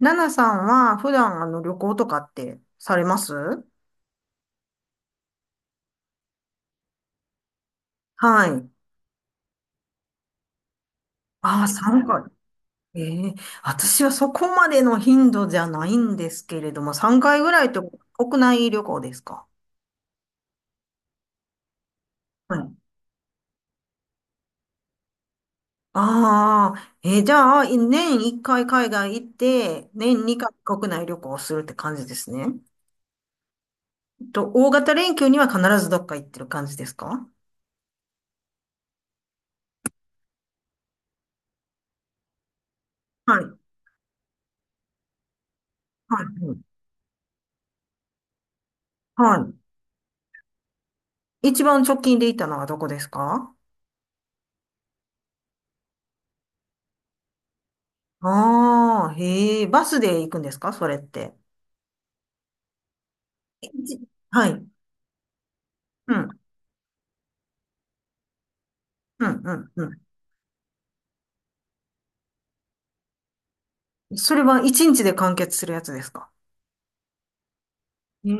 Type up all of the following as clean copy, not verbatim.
ナナさんは普段旅行とかってされます？はい。ああ、3回。ええ、私はそこまでの頻度じゃないんですけれども、3回ぐらいと。国内旅行ですか？はい。ああ、じゃあ、年1回海外行って、年2回国内旅行するって感じですね。と、大型連休には必ずどっか行ってる感じですか？はい。はい。はい。一番直近で行ったのはどこですか？ああ、へえ、バスで行くんですかそれって。えじはい。うん、うん、うん、うん。それは一日で完結するやつですか？へえ、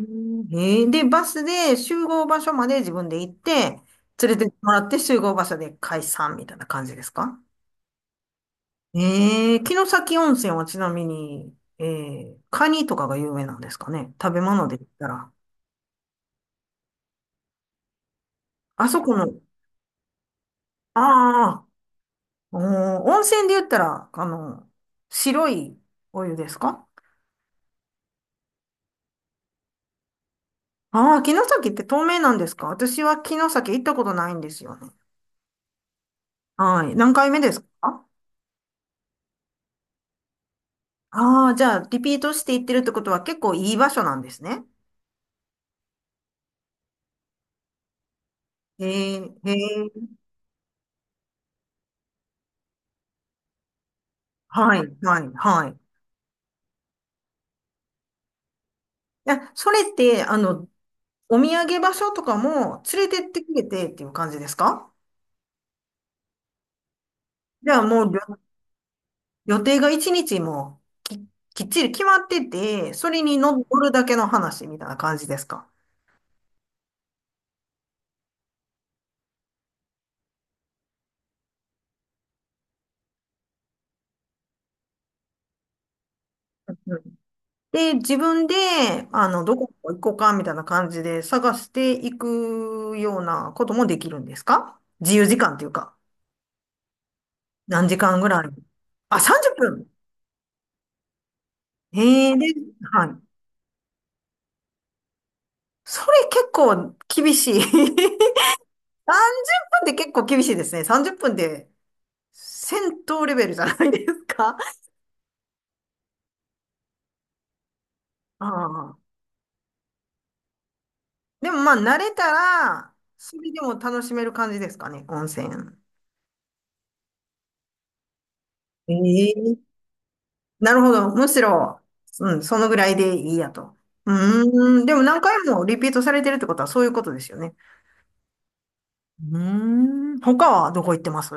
へえで、バスで集合場所まで自分で行って、連れてってもらって集合場所で解散みたいな感じですか？ええ、城崎温泉はちなみに、ええ、カニとかが有名なんですかね、食べ物で言ったら。あそこの、ああ、おー、温泉で言ったら、白いお湯ですか？ああ、城崎って透明なんですか？私は城崎行ったことないんですよね。はい。何回目ですか？ああー、じゃあ、リピートして行ってるってことは結構いい場所なんですね。へえ、へえ。はい、はい、はい。え、それって、お土産場所とかも連れてってくれてっていう感じですか？じゃあもうりょ予定が一日もきっちり決まってて、それに乗るだけの話みたいな感じですか？で、自分で、どこ行こうか、みたいな感じで探していくようなこともできるんですか？自由時間っていうか、何時間ぐらい？あ、30分？へえ、で、はい。それ結構厳しい。30分っぷんって結構厳しいですね。30分で戦闘レベルじゃないですか。ああ。でもまあ、慣れたら、それでも楽しめる感じですかね、温泉。ええ、なるほど。むしろ、うん、そのぐらいでいいやと。うーん。でも何回もリピートされてるってことはそういうことですよね。うーん。他はどこ行ってます？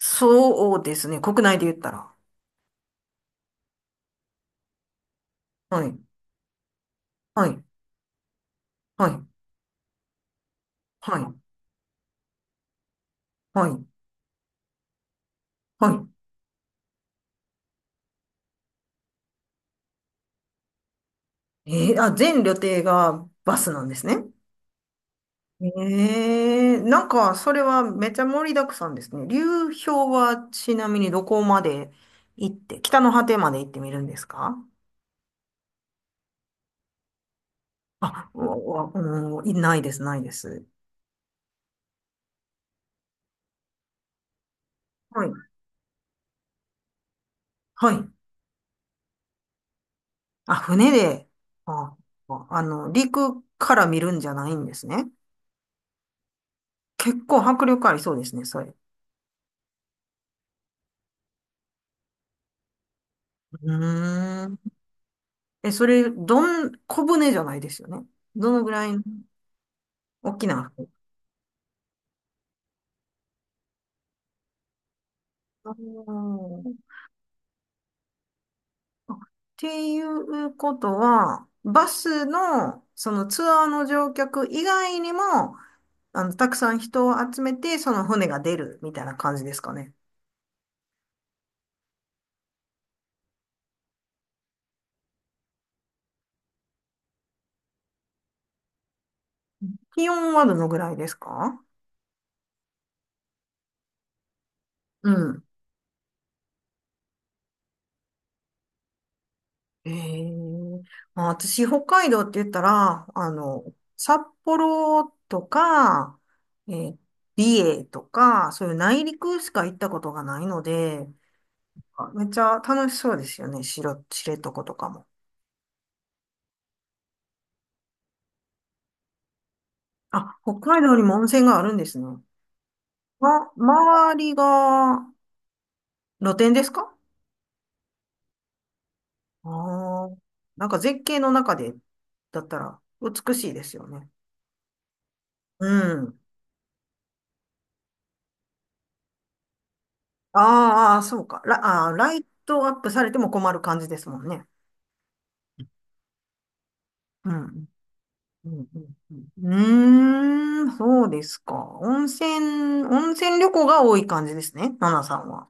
そうですね、国内で言ったら。はい。はい。はい。はい。はい。はい。あ、全旅程がバスなんですね。えなんか、それはめちゃ盛りだくさんですね。流氷はちなみにどこまで行って、北の果てまで行ってみるんですか？あ、お、お、おいないです、ないです。はい。はい。あ、船で、あ、陸から見るんじゃないんですね。結構迫力ありそうですね、それ。うーん。え、それ、どん、小舟じゃないですよね。どのぐらいの大きな船？あーあ、っていうことは、バスの、そのツアーの乗客以外にも、たくさん人を集めて、その船が出るみたいな感じですかね。気温はどのぐらいですか？うん。ええ、まあ、私、北海道って言ったら、札幌とか、えー美瑛とか、そういう内陸しか行ったことがないので、めっちゃ楽しそうですよね。しろ、知床とかも。あ、北海道にも温泉があるんですね。ま、周りが露天ですか？ああー、なんか絶景の中で、だったら美しいですよね。うん。あーあー、そうか。ラ、ライトアップされても困る感じですもんね。うん。うん、うん、うんうーん、そうですか。温泉旅行が多い感じですね、ナナさんは。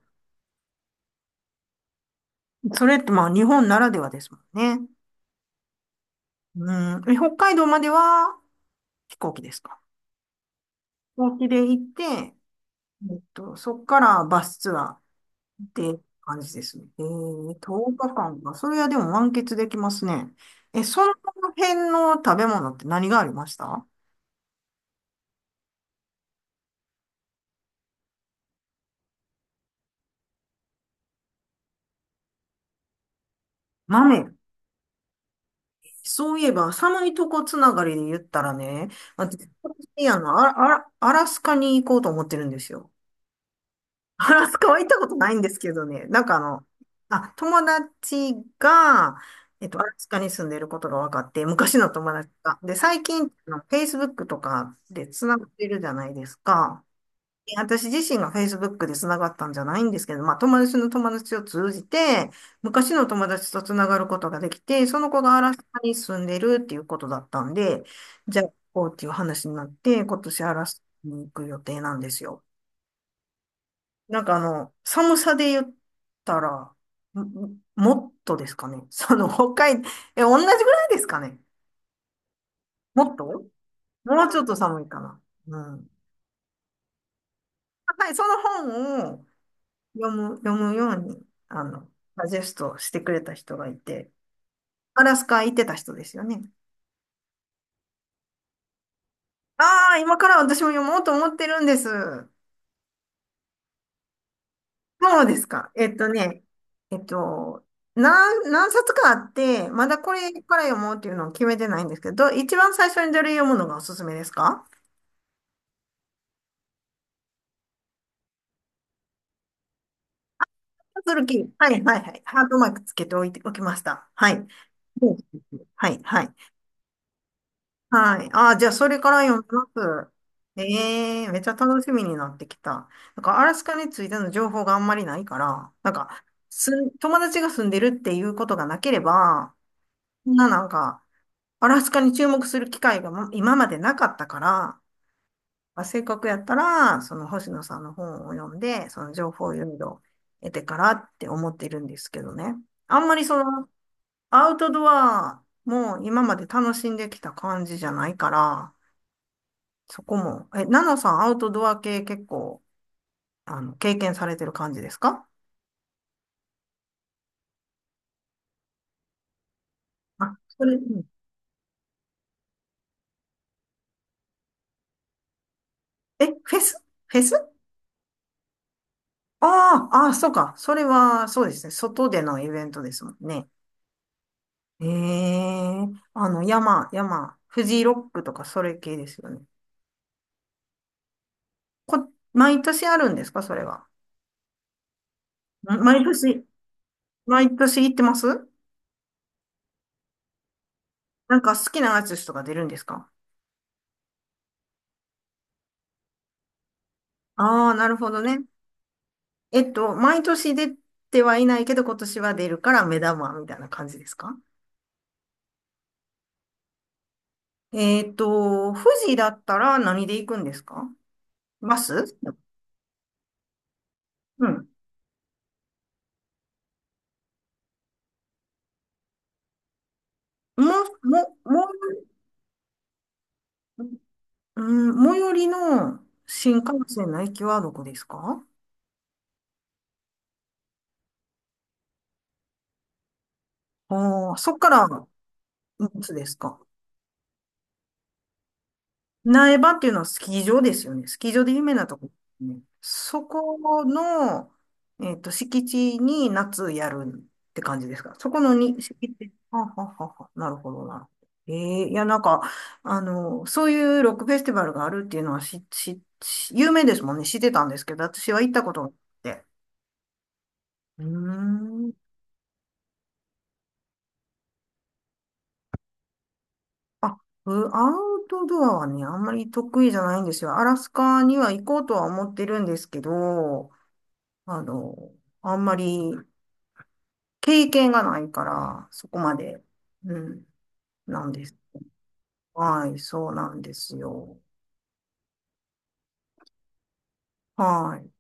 それってまあ日本ならではですもんね。うん。え、北海道までは飛行機ですか？飛行機で行って、そっからバスツアーって感じですね。10日間かんか。それはでも満喫できますね。え、その辺の食べ物って何がありました？豆。そういえば、寒いとこつながりで言ったらね、私、あの、あら、あらアラスカに行こうと思ってるんですよ。アラスカは行ったことないんですけどね、なんかあ、友達が、アラスカに住んでることが分かって、昔の友達が。で、最近、Facebook とかでつながってるじゃないですか。私自身が Facebook で繋がったんじゃないんですけど、まあ友達の友達を通じて、昔の友達と繋がることができて、その子がアラスカに住んでるっていうことだったんで、じゃあ行こうっていう話になって、今年アラスカに行く予定なんですよ。なんか寒さで言ったら、もっとですかね。その北海、え、同じぐらいですかね。もっと、もうちょっと寒いかな。うん。はい、その本を、読むように、サジェストしてくれた人がいて、アラスカ行ってた人ですよね。ああ、今から私も読もうと思ってるんです。そうですか。えっとね、えっと、何冊かあって、まだこれから読もうっていうのを決めてないんですけど、一番最初にどれ読むのがおすすめですか？ハズルキー。はい、はい、はい。ハートマークつけておいて、おきました。はい。そうです、はい、はい。はい。ああ、じゃあ、それから読みます。ええ、めっちゃ楽しみになってきた。なんか、アラスカについての情報があんまりないから、なんか、すん、友達が住んでるっていうことがなければ、そんななんか、アラスカに注目する機会がま、今までなかったから、まあ、せっかくやったら、その星野さんの本を読んで、その情報をいろいろ得てからって思ってるんですけどね。あんまりその、アウトドアも今まで楽しんできた感じじゃないから、そこも。え、ナナさん、アウトドア系結構、経験されてる感じですか？あ、それ、うん、え、フェス？ああ、ああ、そうか。それは、そうですね。外でのイベントですもんね。ええ、あの、山、山、フジロックとか、それ系ですよね。こ、毎年あるんですかそれは？ん毎年、毎年行ってます？なんか好きなアーティストが出るんですか？ああー、なるほどね。毎年出てはいないけど、今年は出るから目玉みたいな感じですか？富士だったら何で行くんですか？バス？うん。も、も、も、うん、最寄りの新幹線の駅はどこですか？ああー、そっから、いつですか？苗場っていうのはスキー場ですよね。スキー場で有名なとこですね。そこの、敷地に夏やるって感じですか。そこのに、敷地。はあはあはあはあ、なるほど、なるほど。ええ、いや、なんか、そういうロックフェスティバルがあるっていうのはし、し、し有名ですもんね。知ってたんですけど、私は行ったことがなって。うーん。あ、アウトドアはね、あんまり得意じゃないんですよ。アラスカには行こうとは思ってるんですけど、あの、あんまり経験がないから、そこまで、うん、なんです。はい、そうなんですよ。はい。